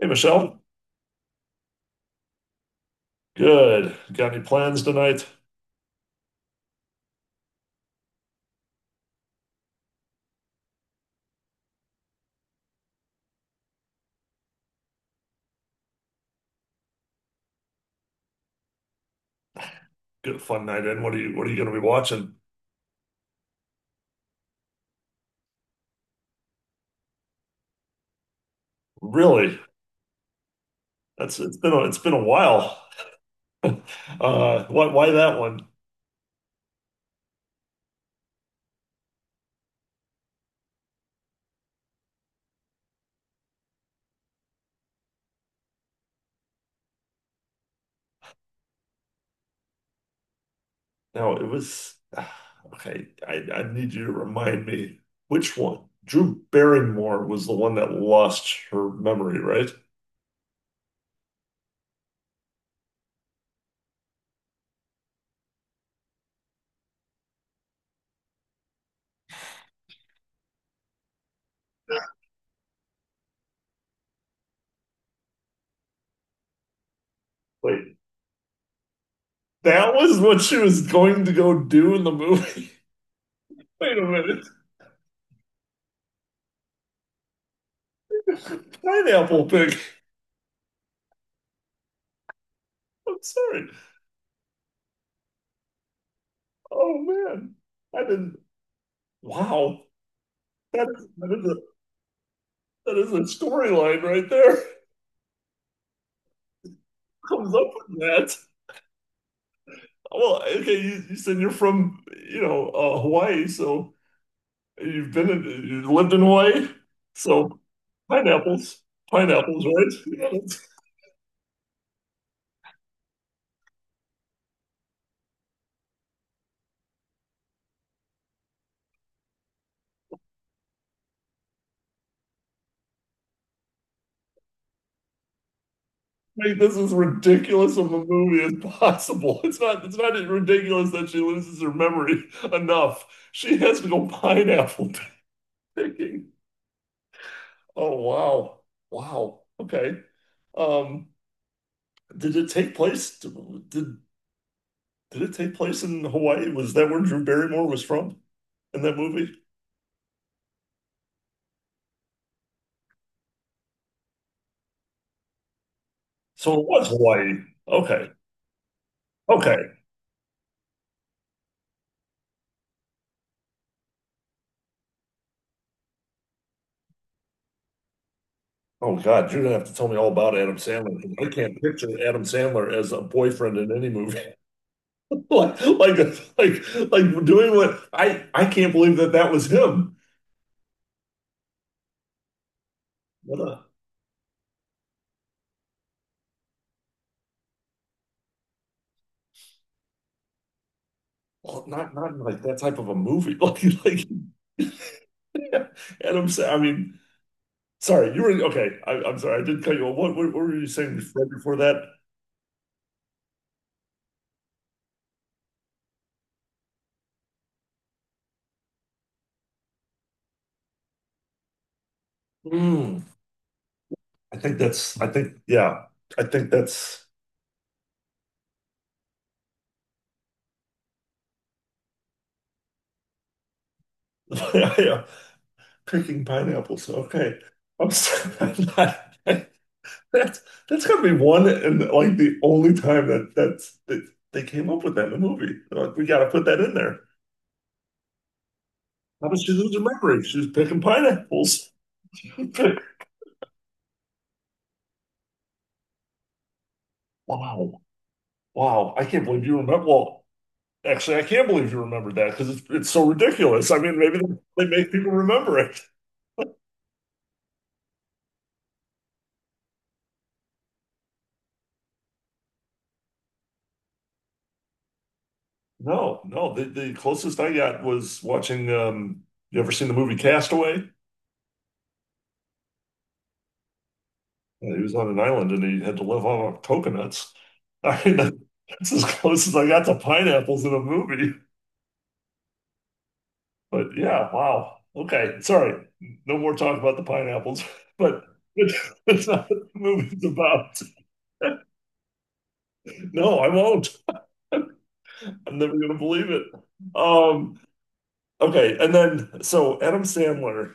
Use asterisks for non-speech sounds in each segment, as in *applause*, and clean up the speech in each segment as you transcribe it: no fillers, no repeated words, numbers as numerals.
Hey Michelle, good. Got any plans tonight? Good fun night in. What are you going to be watching? Really? That's it's been a while. *laughs* Why that one? No, it was *sighs* okay. I need you to remind me which one. Drew Barrymore was the one that lost her memory, right? Wait, that was what she was going to go do in the movie. *laughs* Wait a minute, *laughs* pineapple pig. I'm sorry. Oh man, I didn't. Wow. That's, that is a, that is a storyline right there. *laughs* Who comes up with that? Well, okay, you said you're from, Hawaii, so you lived in Hawaii, so pineapples, pineapples, right? *laughs* Yeah. Like, this is ridiculous of a movie as possible. It's not ridiculous that she loses her memory enough. She has to go pineapple picking. Oh, wow. Wow. Okay. Um, did it take place? Did it take place in Hawaii? Was that where Drew Barrymore was from in that movie? So it was Hawaii. Okay. Okay. Oh God, you're gonna have to tell me all about Adam Sandler. I can't picture Adam Sandler as a boyfriend in any movie. *laughs* like, like, like doing what I can't believe that that was him. What a well, not like that type of a movie. *laughs* Like *laughs* Adam Sandler. I mean, sorry, you were okay. I'm sorry, I did cut you off. What were you saying before that? Mm. I think, I think that's, *laughs* yeah, picking pineapples. Okay. I'm sorry. *laughs* I'm not- that's, that's gotta be one and like the only time that that they came up with that in a movie. They're like, we gotta put that in there. How does she lose her memory? She's picking pineapples. *laughs* Wow. Wow. I can't believe you remember. Well, actually, I can't believe you remembered that because it's so ridiculous. I mean, maybe they make people remember it. No, no. The closest I got was watching. You ever seen the movie Castaway? He was on an island and he had to live off of coconuts. *laughs* I mean, that's as close as I got to pineapples in a movie. But yeah, wow. Okay, sorry. No more talk about the pineapples. *laughs* But but *laughs* that's not what the movie's about. No, I won't. I'm never gonna believe it. Um, okay, and then so Adam Sandler,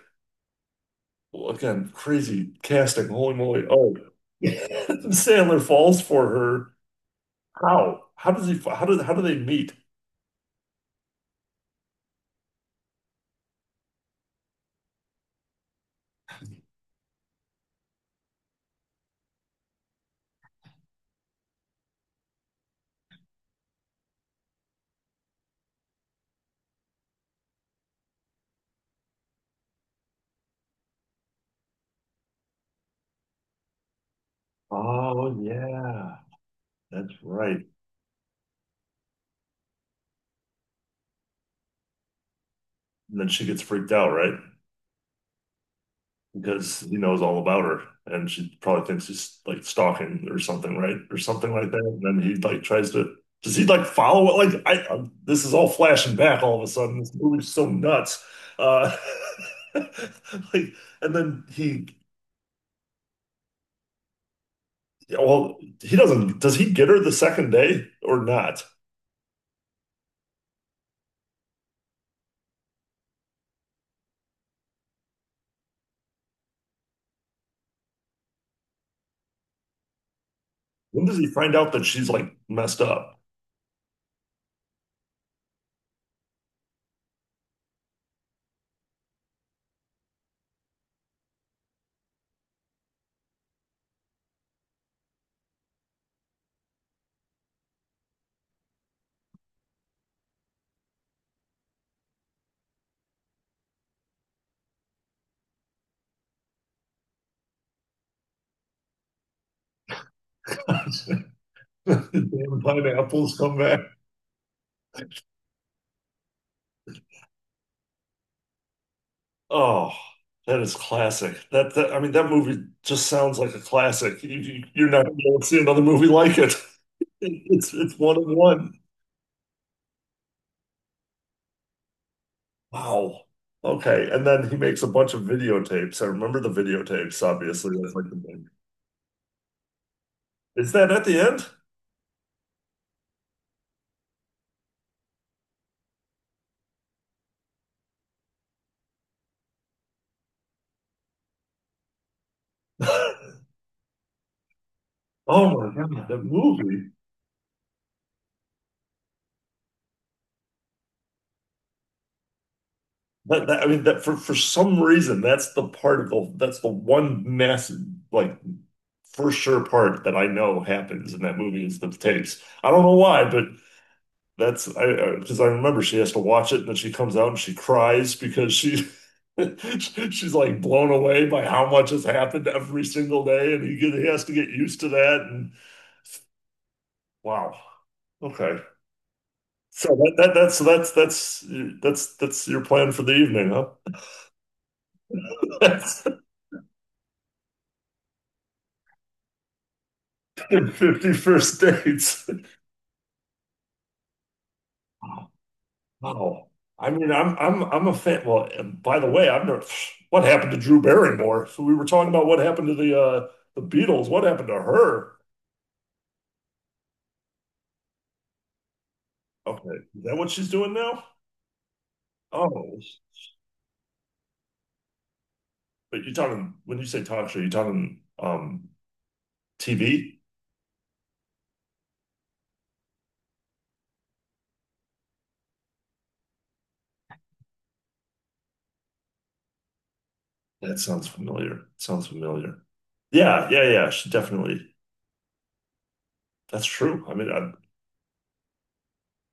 well, again, crazy casting. Holy moly! Oh, *laughs* Sandler falls for her. How? How does he? How do? How do they meet? Oh yeah, that's right. And then she gets freaked out, right? Because he knows all about her, and she probably thinks he's like stalking or something, right? Or something like that. And then he like tries to. Does he like follow it? Like I, this is all flashing back all of a sudden. This movie's so nuts. Uh, *laughs* like, and then he well, he doesn't. Does he get her the second day or not? When does he find out that she's like messed up? *laughs* Damn pineapples come back. Oh, that is classic. That, I mean, that movie just sounds like a classic. You're not going to see another movie like it. *laughs* It's one of one. Wow. Okay, and then he makes a bunch of videotapes. I remember the videotapes, obviously. That's like the thing. Is that at the end? Oh my God, that movie. That, I mean that for some reason that's the part of the that's the one massive like for sure part that I know happens in that movie is the tapes. I don't know why, but that's I because 'cause I remember she has to watch it and then she comes out and she cries because she *laughs* she's like blown away by how much has happened every single day and he has to get used to that and wow. Okay. So that's your plan for the evening, huh? *laughs* That's 50 first dates. Wow. I mean, I'm a fan. Well, and by the way, I'm not, what happened to Drew Barrymore? So we were talking about what happened to the Beatles. What happened to her? Okay, is that what she's doing now? Oh, but you're talking when you say talk show, you're talking TV? That sounds familiar. Sounds familiar. Yeah, yeah, yeah. She definitely. That's true.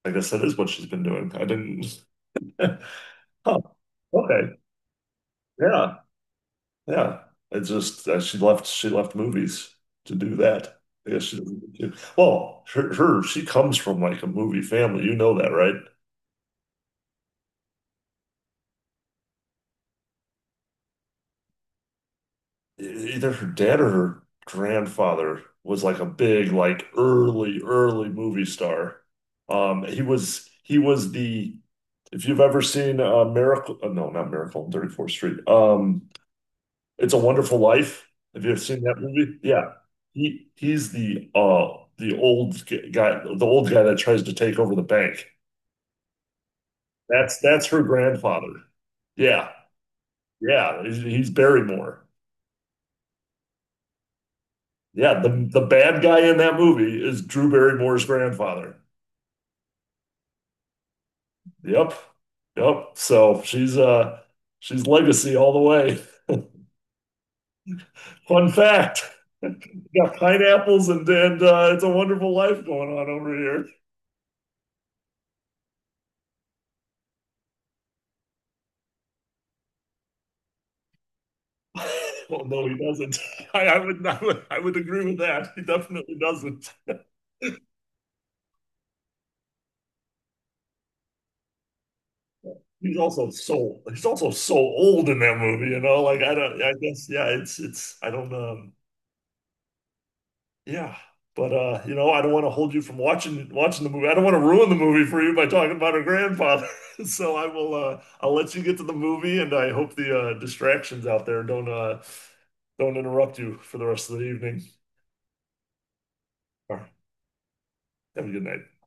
I guess that is what she's been doing. I didn't. *laughs* Huh. Okay. Yeah. Yeah, it's just she left. She left movies to do that. I guess she doesn't. Well, her she comes from like a movie family. You know that, right? E- Either her dad or her grandfather was like a big, like early movie star. He was the if you've ever seen Miracle, no, not Miracle on 34th Street. It's a Wonderful Life. Have you ever seen that movie? Yeah. He's the old g- guy, the old guy that tries to take over the bank. That's her grandfather. Yeah. Yeah, he's Barrymore. Yeah, the bad guy in that movie is Drew Barrymore's grandfather. Yep. Yep. So she's legacy all the way. Fun fact. *laughs* Got pineapples and it's a wonderful life going on over here. *laughs* Well, no, he doesn't. *laughs* I would agree with that. He definitely doesn't. He's also so old in that movie, you know. Like I don't, I guess, yeah, it's, I don't, yeah. But you know, I don't want to hold you from watching the movie. I don't want to ruin the movie for you by talking about her grandfather. *laughs* So I will, I'll let you get to the movie, and I hope the distractions out there don't interrupt you for the rest of the evening. All right, have a good night.